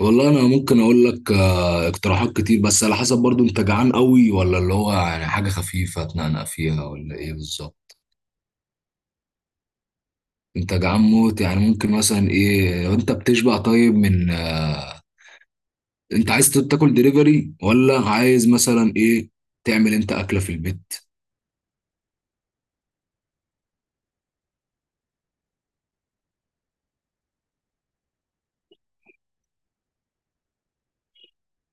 والله انا ممكن اقول لك، اقتراحات كتير، بس على حسب برضو، انت جعان قوي ولا اللي هو يعني حاجه خفيفه تنقنق فيها، ولا ايه بالظبط؟ انت جعان موت، يعني ممكن مثلا ايه لو انت بتشبع طيب، من انت عايز تاكل دليفري ولا عايز مثلا ايه تعمل انت اكله في البيت؟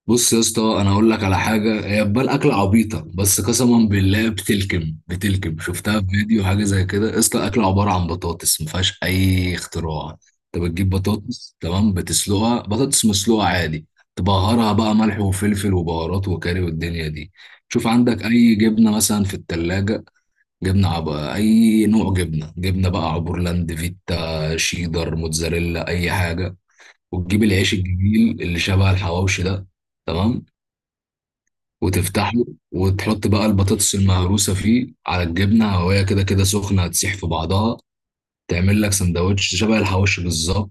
بص يا اسطى، انا هقول لك على حاجه هي تبان اكله عبيطه، بس قسما بالله، بتلكم شفتها في فيديو حاجه زي كده. يا اسطى، اكله عباره عن بطاطس، ما فيهاش اي اختراع. انت بتجيب بطاطس، تمام، بتسلقها، بطاطس مسلوقه عادي. تبهرها بقى ملح وفلفل وبهارات وكاري والدنيا دي. شوف عندك اي جبنه مثلا في التلاجة. اي نوع جبنه، جبنه بقى عبورلاند، فيتا، شيدر، موتزاريلا، اي حاجه. وتجيب العيش الجميل اللي شبه الحواوشي ده، تمام، وتفتحه، وتحط بقى البطاطس المهروسة فيه على الجبنة، وهي كده كده سخنة هتسيح في بعضها. تعمل لك سندوتش شبه الحواوشي بالظبط.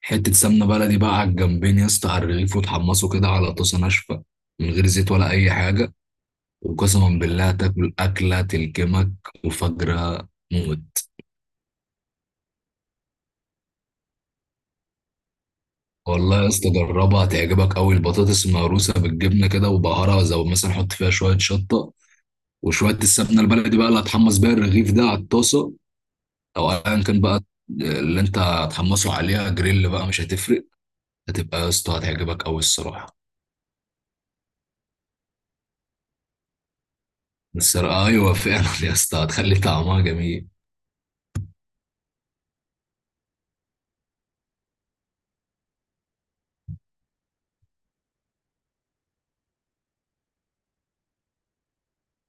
حتة سمنة بلدي بقى على الجنبين يا اسطى على الرغيف، وتحمصه كده على طاسة ناشفة من غير زيت ولا أي حاجة. وقسما بالله تاكل أكلة تلكمك وفجرة موت. والله يا اسطى جربها، هتعجبك أوي البطاطس المهروسة بالجبنة كده، وبهارها زي مثلا حط فيها شوية شطة، وشوية السمنة البلدي بقى اللي هتحمص بيها الرغيف ده على الطاسة، او ايا كان بقى اللي انت هتحمسه عليها جريل بقى، مش هتفرق. هتبقى يا اسطى هتعجبك قوي الصراحه. السرقه، ايوه فعلا يا اسطى، هتخلي طعمها جميل.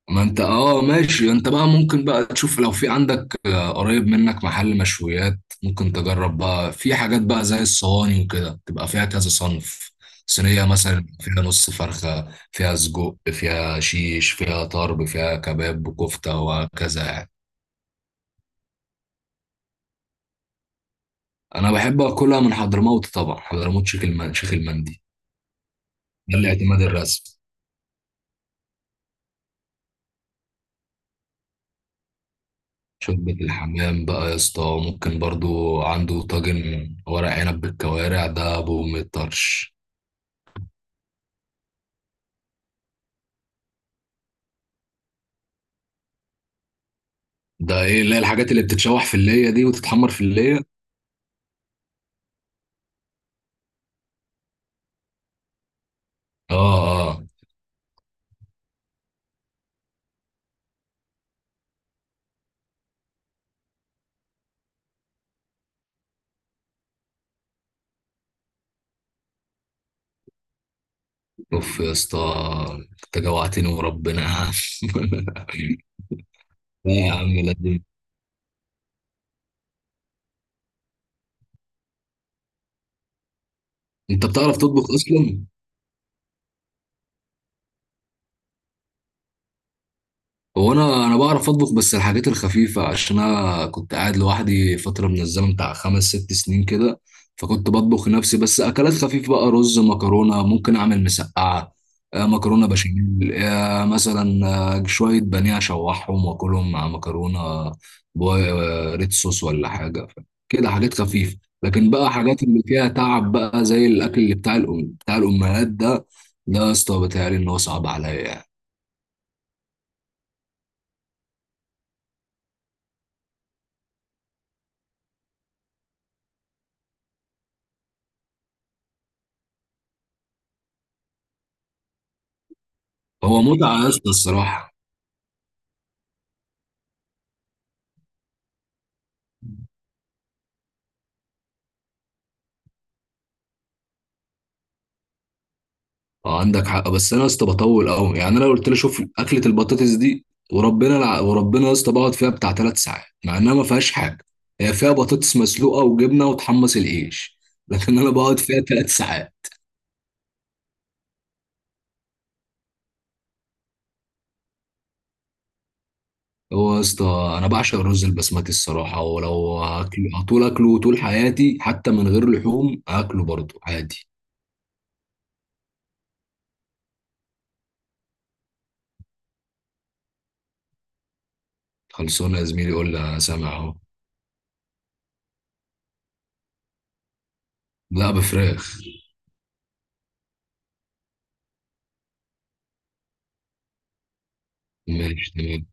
ما انت اه، ماشي. انت بقى ممكن بقى تشوف لو في عندك قريب منك محل مشويات، ممكن تجرب بقى في حاجات بقى زي الصواني وكده، تبقى فيها كذا صنف. صينية مثلا فيها نص فرخة، فيها سجق، فيها شيش، فيها طرب، فيها كباب وكفتة، وهكذا يعني. انا بحب اكلها من حضرموت، طبعا حضرموت، شيخ المندي، ده الاعتماد الرسمي. شوربة الحمام بقى يا اسطى، ممكن برضو عنده طاجن ورق عنب بالكوارع، ده بأم الطرش. ده ايه اللي هي الحاجات اللي بتتشوح في اللية دي وتتحمر في اللية؟ اه. اه. اوف يا اسطى، انت جوعتني وربنا. لا يا عم، لازم. انت بتعرف تطبخ اصلا؟ هو انا بعرف اطبخ بس الحاجات الخفيفه، عشان انا كنت قاعد لوحدي فتره من الزمن بتاع خمس ست سنين كده. فكنت بطبخ لنفسي بس اكلات خفيفه بقى، رز، مكرونه، ممكن اعمل مسقعه، مكرونه بشاميل، مثلا، شويه بانيه اشوحهم واكلهم مع مكرونه، ريد صوص ولا حاجه، كده حاجات خفيفه. لكن بقى حاجات اللي فيها تعب بقى زي الاكل اللي بتاع الأم بتاع الامهات ده، ده يا اسطى بيتهيألي ان هو صعب عليا يعني. هو متعه يا اسطى الصراحه. اه، عندك حق، بس انا يا اسطى بطول قوي يعني. انا لو قلت لي شوف اكله البطاطس دي، وربنا يا اسطى بقعد فيها بتاع ثلاث ساعات مع انها ما فيهاش حاجه. هي فيها بطاطس مسلوقه وجبنه وتحمص العيش لكن انا بقعد فيها ثلاث ساعات. هو يا اسطى انا بعشق الرز البسمتي الصراحه، ولو هاكل هطول اكله طول حياتي حتى من غير لحوم هاكله برضه عادي. خلصونا يا زميلي، قول لي، انا سامع اهو. لا، بفراخ. ماشي.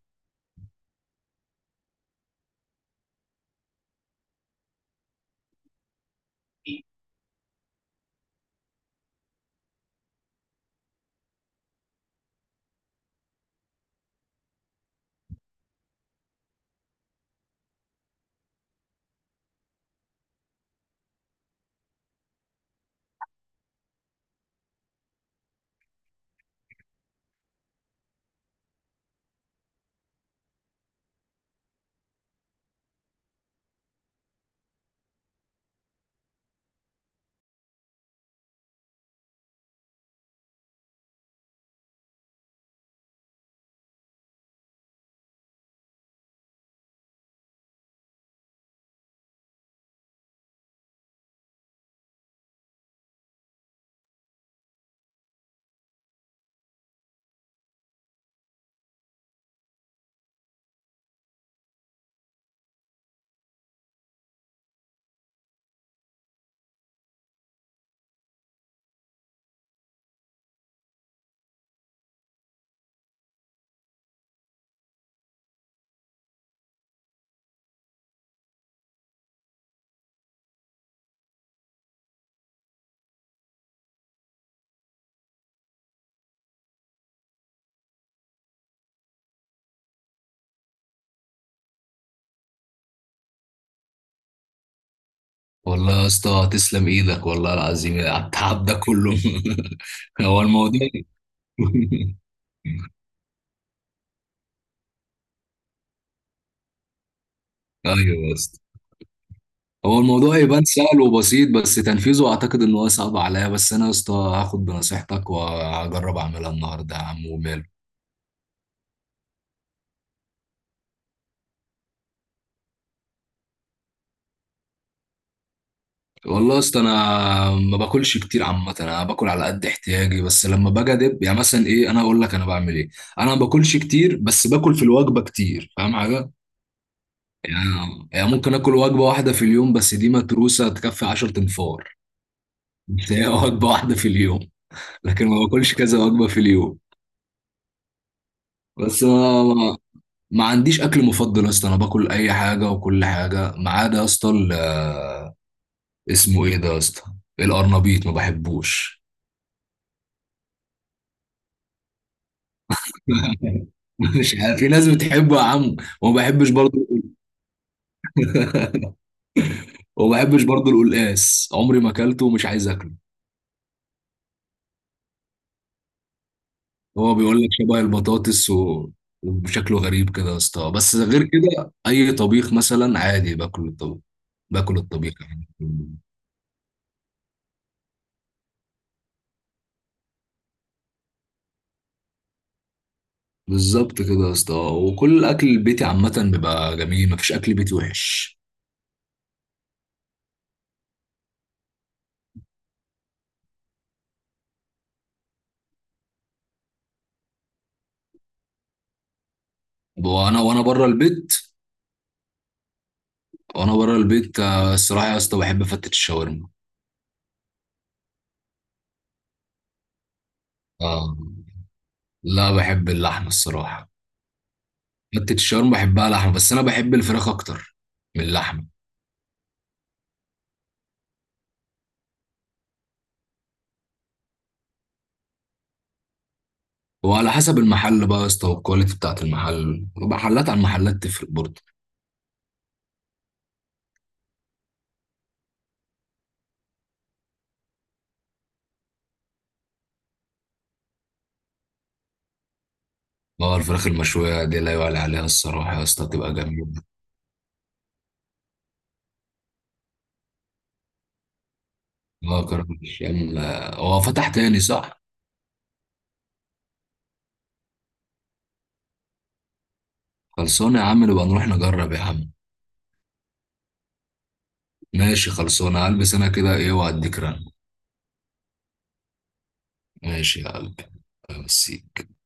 والله يا اسطى تسلم ايدك، والله العظيم، على التعب ده كله. هو الموضوع. ايوه يا اسطى. هو الموضوع يبان سهل وبسيط، بس تنفيذه اعتقد ان هو صعب عليا. بس انا يا اسطى هاخد بنصيحتك وهجرب اعملها النهارده يا عم، وماله. والله يا اسطى انا ما باكلش كتير عامه، انا باكل على قد احتياجي، بس لما باجي ادب يعني مثلا ايه، انا اقول لك انا بعمل ايه. انا ما باكلش كتير بس باكل في الوجبه كتير، فاهم حاجه؟ يعني يعني ممكن اكل وجبه واحده في اليوم بس دي متروسه تكفي 10 انفار. بس هي وجبه واحده في اليوم، لكن ما باكلش كذا وجبه في اليوم. بس ما عنديش اكل مفضل يا اسطى، انا باكل اي حاجه وكل حاجه، ما عدا يا اسطى اسمه ايه ده يا اسطى، القرنبيط، ما بحبوش. مش عارف، في ناس بتحبه يا عم، وما بحبش برضه. وما بحبش برضه القلقاس، عمري ما اكلته ومش عايز اكله. هو بيقول لك شبه البطاطس و... وشكله غريب كده يا اسطى، بس غير كده اي طبيخ مثلا عادي باكل الطبيخ. باكل الطبيخ عادي. بالظبط كده يا اسطى، وكل الاكل البيتي عامه بيبقى جميل، مفيش اكل بيتي وحش. وانا وانا بره البيت وانا بره البيت، الصراحه يا اسطى بحب فتة الشاورما. آه. لا، بحب اللحمه الصراحه. فتة الشاورما بحبها لحمه، بس انا بحب الفراخ اكتر من اللحمه. وعلى حسب المحل بقى يا اسطى، والكواليتي بتاعت المحل، محلات عن محلات تفرق برضه. اه الفراخ المشوية دي لا يعلى عليها الصراحة يا اسطى، تبقى جميلة. اه كرم الشام. لا، هو فتح تاني، صح؟ خلصانة يا عم، نبقى نروح نجرب يا عم. ماشي، خلصانة، هلبس انا كده ايه وهديك رن. ماشي يا قلبي. أمسيك.